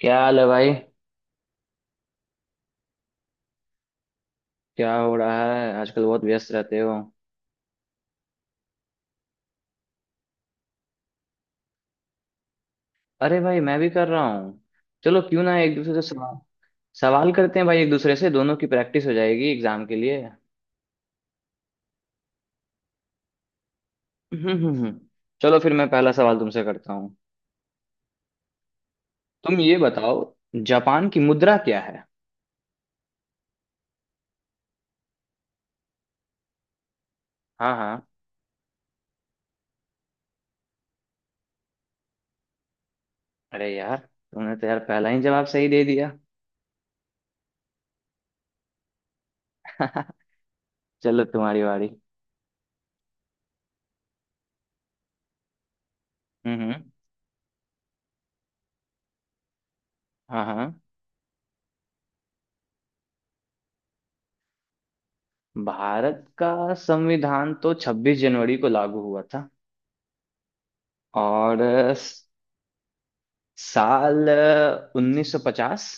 क्या हाल है भाई। क्या हो रहा है आजकल? बहुत व्यस्त रहते हो। अरे भाई मैं भी कर रहा हूँ। चलो क्यों ना एक दूसरे से सवाल सवाल करते हैं भाई, एक दूसरे से दोनों की प्रैक्टिस हो जाएगी एग्जाम के लिए। हम्म हम्म हम्म। चलो फिर मैं पहला सवाल तुमसे करता हूँ। तुम ये बताओ, जापान की मुद्रा क्या है? हाँ हाँ। अरे यार, तुमने तो यार पहला ही जवाब सही दे दिया। चलो तुम्हारी बारी। हम्म। हाँ हाँ। भारत का संविधान तो 26 जनवरी को लागू हुआ था। और साल 1950।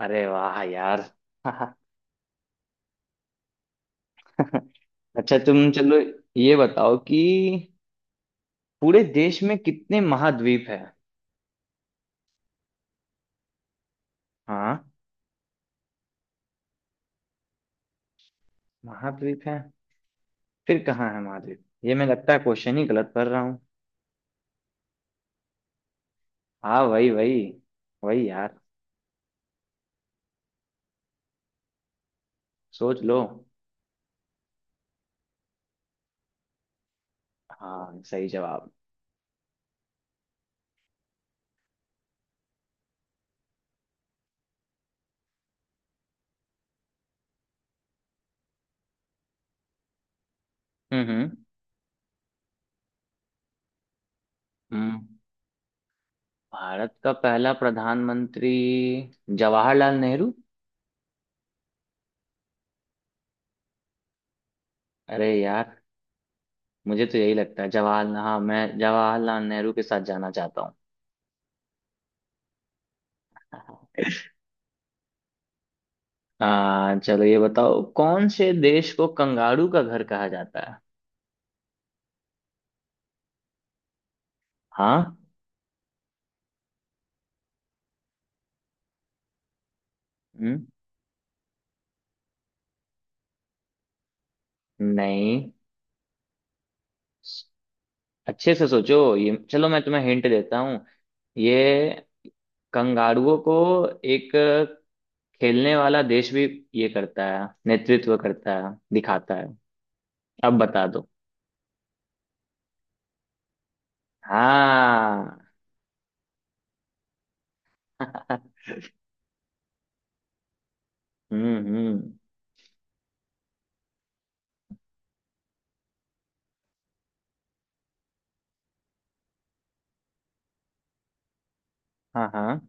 अरे वाह यार। अच्छा तुम चलो ये बताओ कि पूरे देश में कितने महाद्वीप है? हाँ। महाद्वीप है फिर कहाँ है महाद्वीप? ये मैं लगता है क्वेश्चन ही गलत पढ़ रहा हूँ। हाँ वही वही। वही यार। सोच लो। हाँ सही जवाब। हम्म हम्म हम्म। भारत का पहला प्रधानमंत्री जवाहरलाल नेहरू। अरे यार, मुझे तो यही लगता है जवाहरलाल, हाँ मैं जवाहरलाल नेहरू के साथ जाना चाहता हूँ। चलो ये बताओ, कौन से देश को कंगारू का घर कहा जाता है? हाँ। हम्म। नहीं। अच्छे से सोचो, ये चलो मैं तुम्हें हिंट देता हूँ। ये कंगारुओं को एक खेलने वाला देश भी ये करता है, नेतृत्व करता है, दिखाता है। अब बता दो। हाँ। हम्म। हाँ हाँ।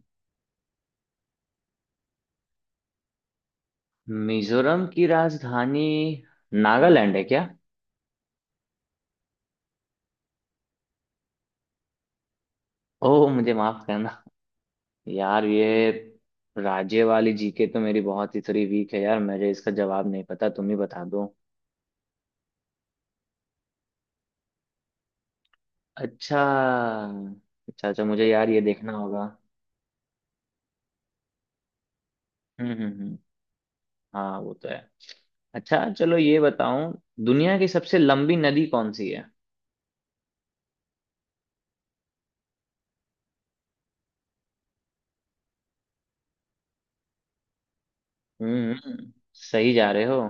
मिजोरम की राजधानी नागालैंड है क्या? ओह, मुझे माफ करना यार। ये राज्य वाली जीके तो मेरी बहुत ही थोड़ी वीक है यार, मुझे इसका जवाब नहीं पता, तुम ही बता दो। अच्छा। अच्छा अच्छा, मुझे यार ये देखना होगा। हम्म। हाँ वो तो है। अच्छा चलो ये बताओ, दुनिया की सबसे लंबी नदी कौन सी है? सही जा रहे हो।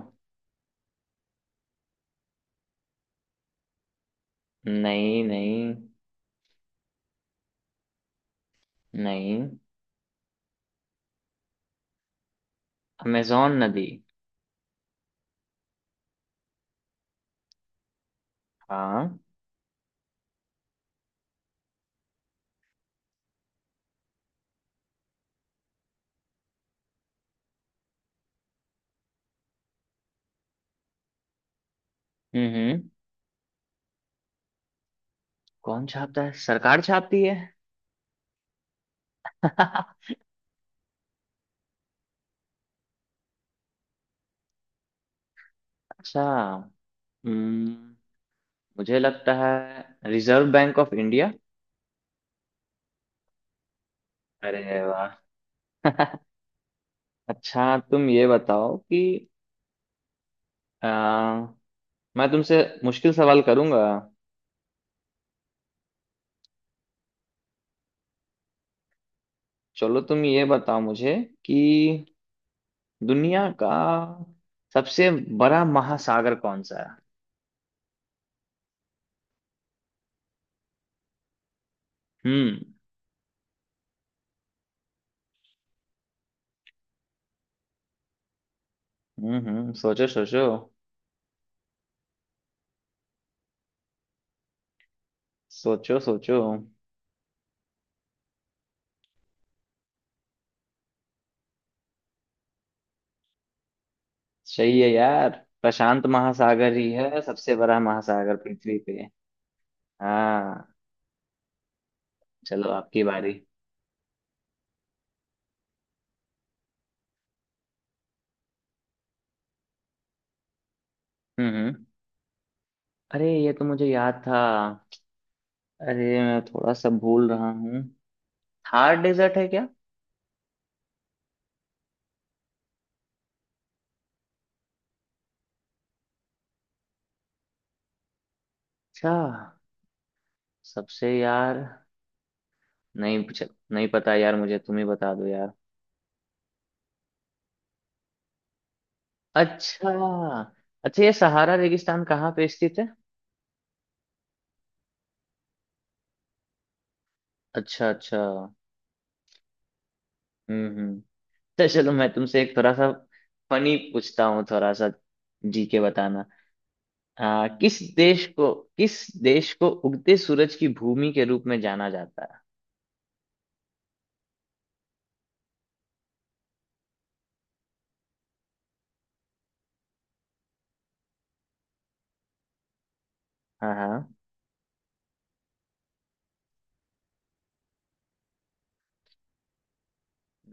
नहीं नहीं। नहीं। अमेजोन नदी। हाँ। हम्म। कौन छापता है? सरकार छापती है। अच्छा। हम्म, मुझे लगता है रिजर्व बैंक ऑफ इंडिया। अरे वाह। अच्छा तुम ये बताओ कि, आ, मैं तुमसे मुश्किल सवाल करूंगा। चलो तुम ये बताओ मुझे कि दुनिया का सबसे बड़ा महासागर कौन सा है? हम्म सोचो सोचो। सोचो सोचो। सही है यार, प्रशांत महासागर ही है सबसे बड़ा महासागर पृथ्वी पे। हाँ। चलो आपकी बारी। हम्म हम्म। अरे ये तो मुझे याद था। अरे मैं थोड़ा सा भूल रहा हूँ। थार डेजर्ट है क्या? अच्छा। सबसे यार, नहीं पूछ, नहीं पता यार मुझे, तुम ही बता दो यार। अच्छा। अच्छा, ये सहारा रेगिस्तान कहाँ पे स्थित है? अच्छा अच्छा। हम्म। तो चलो मैं तुमसे एक थोड़ा सा फनी पूछता हूँ, थोड़ा सा जी के बताना। किस देश को उगते सूरज की भूमि के रूप में जाना जाता है? हाँ हाँ।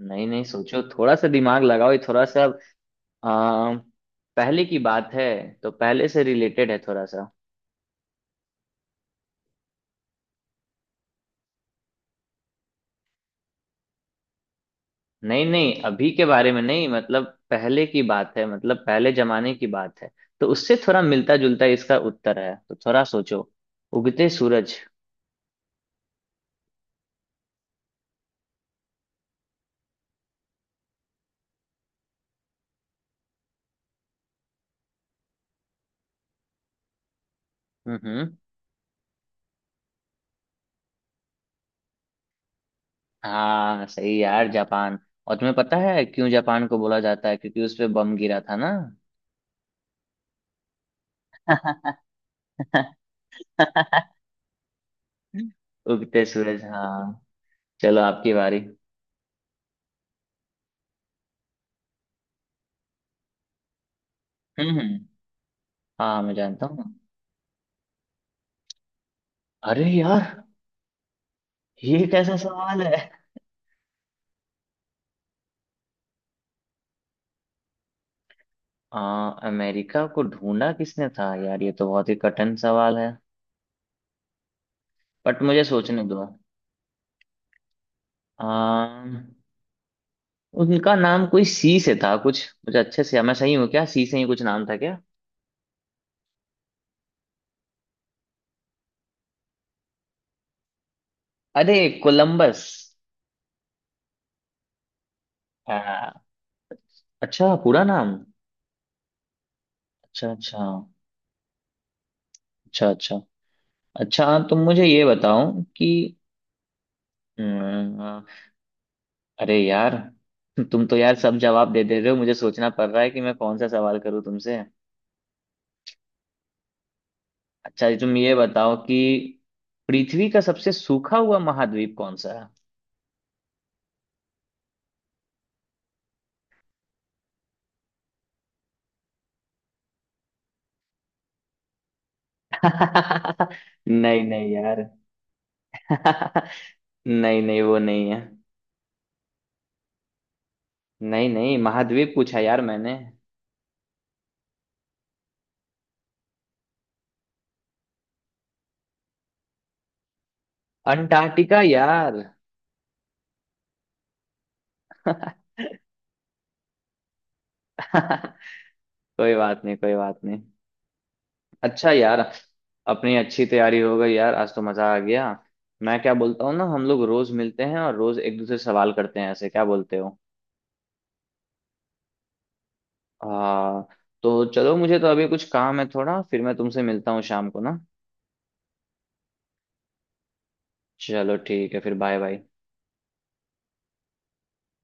नहीं नहीं, सोचो थोड़ा सा दिमाग लगाओ, ये थोड़ा सा, आ, पहले की बात है, तो पहले से रिलेटेड है थोड़ा सा। नहीं नहीं अभी के बारे में नहीं, मतलब पहले की बात है, मतलब पहले जमाने की बात है, तो उससे थोड़ा मिलता जुलता इसका उत्तर है, तो थोड़ा सोचो। उगते सूरज। हम्म। हाँ सही यार, जापान। और तुम्हें पता है क्यों जापान को बोला जाता है? क्योंकि उस पे बम गिरा था ना। उगते सूरज हाँ। चलो आपकी बारी। हम्म। हाँ मैं जानता हूँ। अरे यार, ये कैसा सवाल है? अमेरिका को ढूंढा किसने था? यार ये तो बहुत ही कठिन सवाल है, बट मुझे सोचने दो। आ, उनका नाम कोई सी से था कुछ, मुझे अच्छे से, मैं सही हूँ क्या? सी से ही कुछ नाम था क्या? अरे, कोलंबस। हाँ। अच्छा पूरा नाम। अच्छा अच्छा। अच्छा अच्छा। अच्छा तुम मुझे ये बताओ कि, हम्म, अरे यार तुम तो यार सब जवाब दे दे रहे हो, मुझे सोचना पड़ रहा है कि मैं कौन सा सवाल करूं तुमसे। अच्छा ये तुम ये बताओ कि पृथ्वी का सबसे सूखा हुआ महाद्वीप कौन सा है? नहीं नहीं यार। नहीं नहीं वो नहीं है। नहीं नहीं, महाद्वीप पूछा यार मैंने। अंटार्कटिका यार। कोई बात नहीं, कोई बात नहीं। अच्छा यार, अपनी अच्छी तैयारी हो गई यार, आज तो मजा आ गया। मैं क्या बोलता हूँ ना, हम लोग रोज मिलते हैं और रोज एक दूसरे से सवाल करते हैं ऐसे, क्या बोलते हो? आ, तो चलो, मुझे तो अभी कुछ काम है थोड़ा, फिर मैं तुमसे मिलता हूँ शाम को ना। चलो ठीक है फिर, बाय बाय।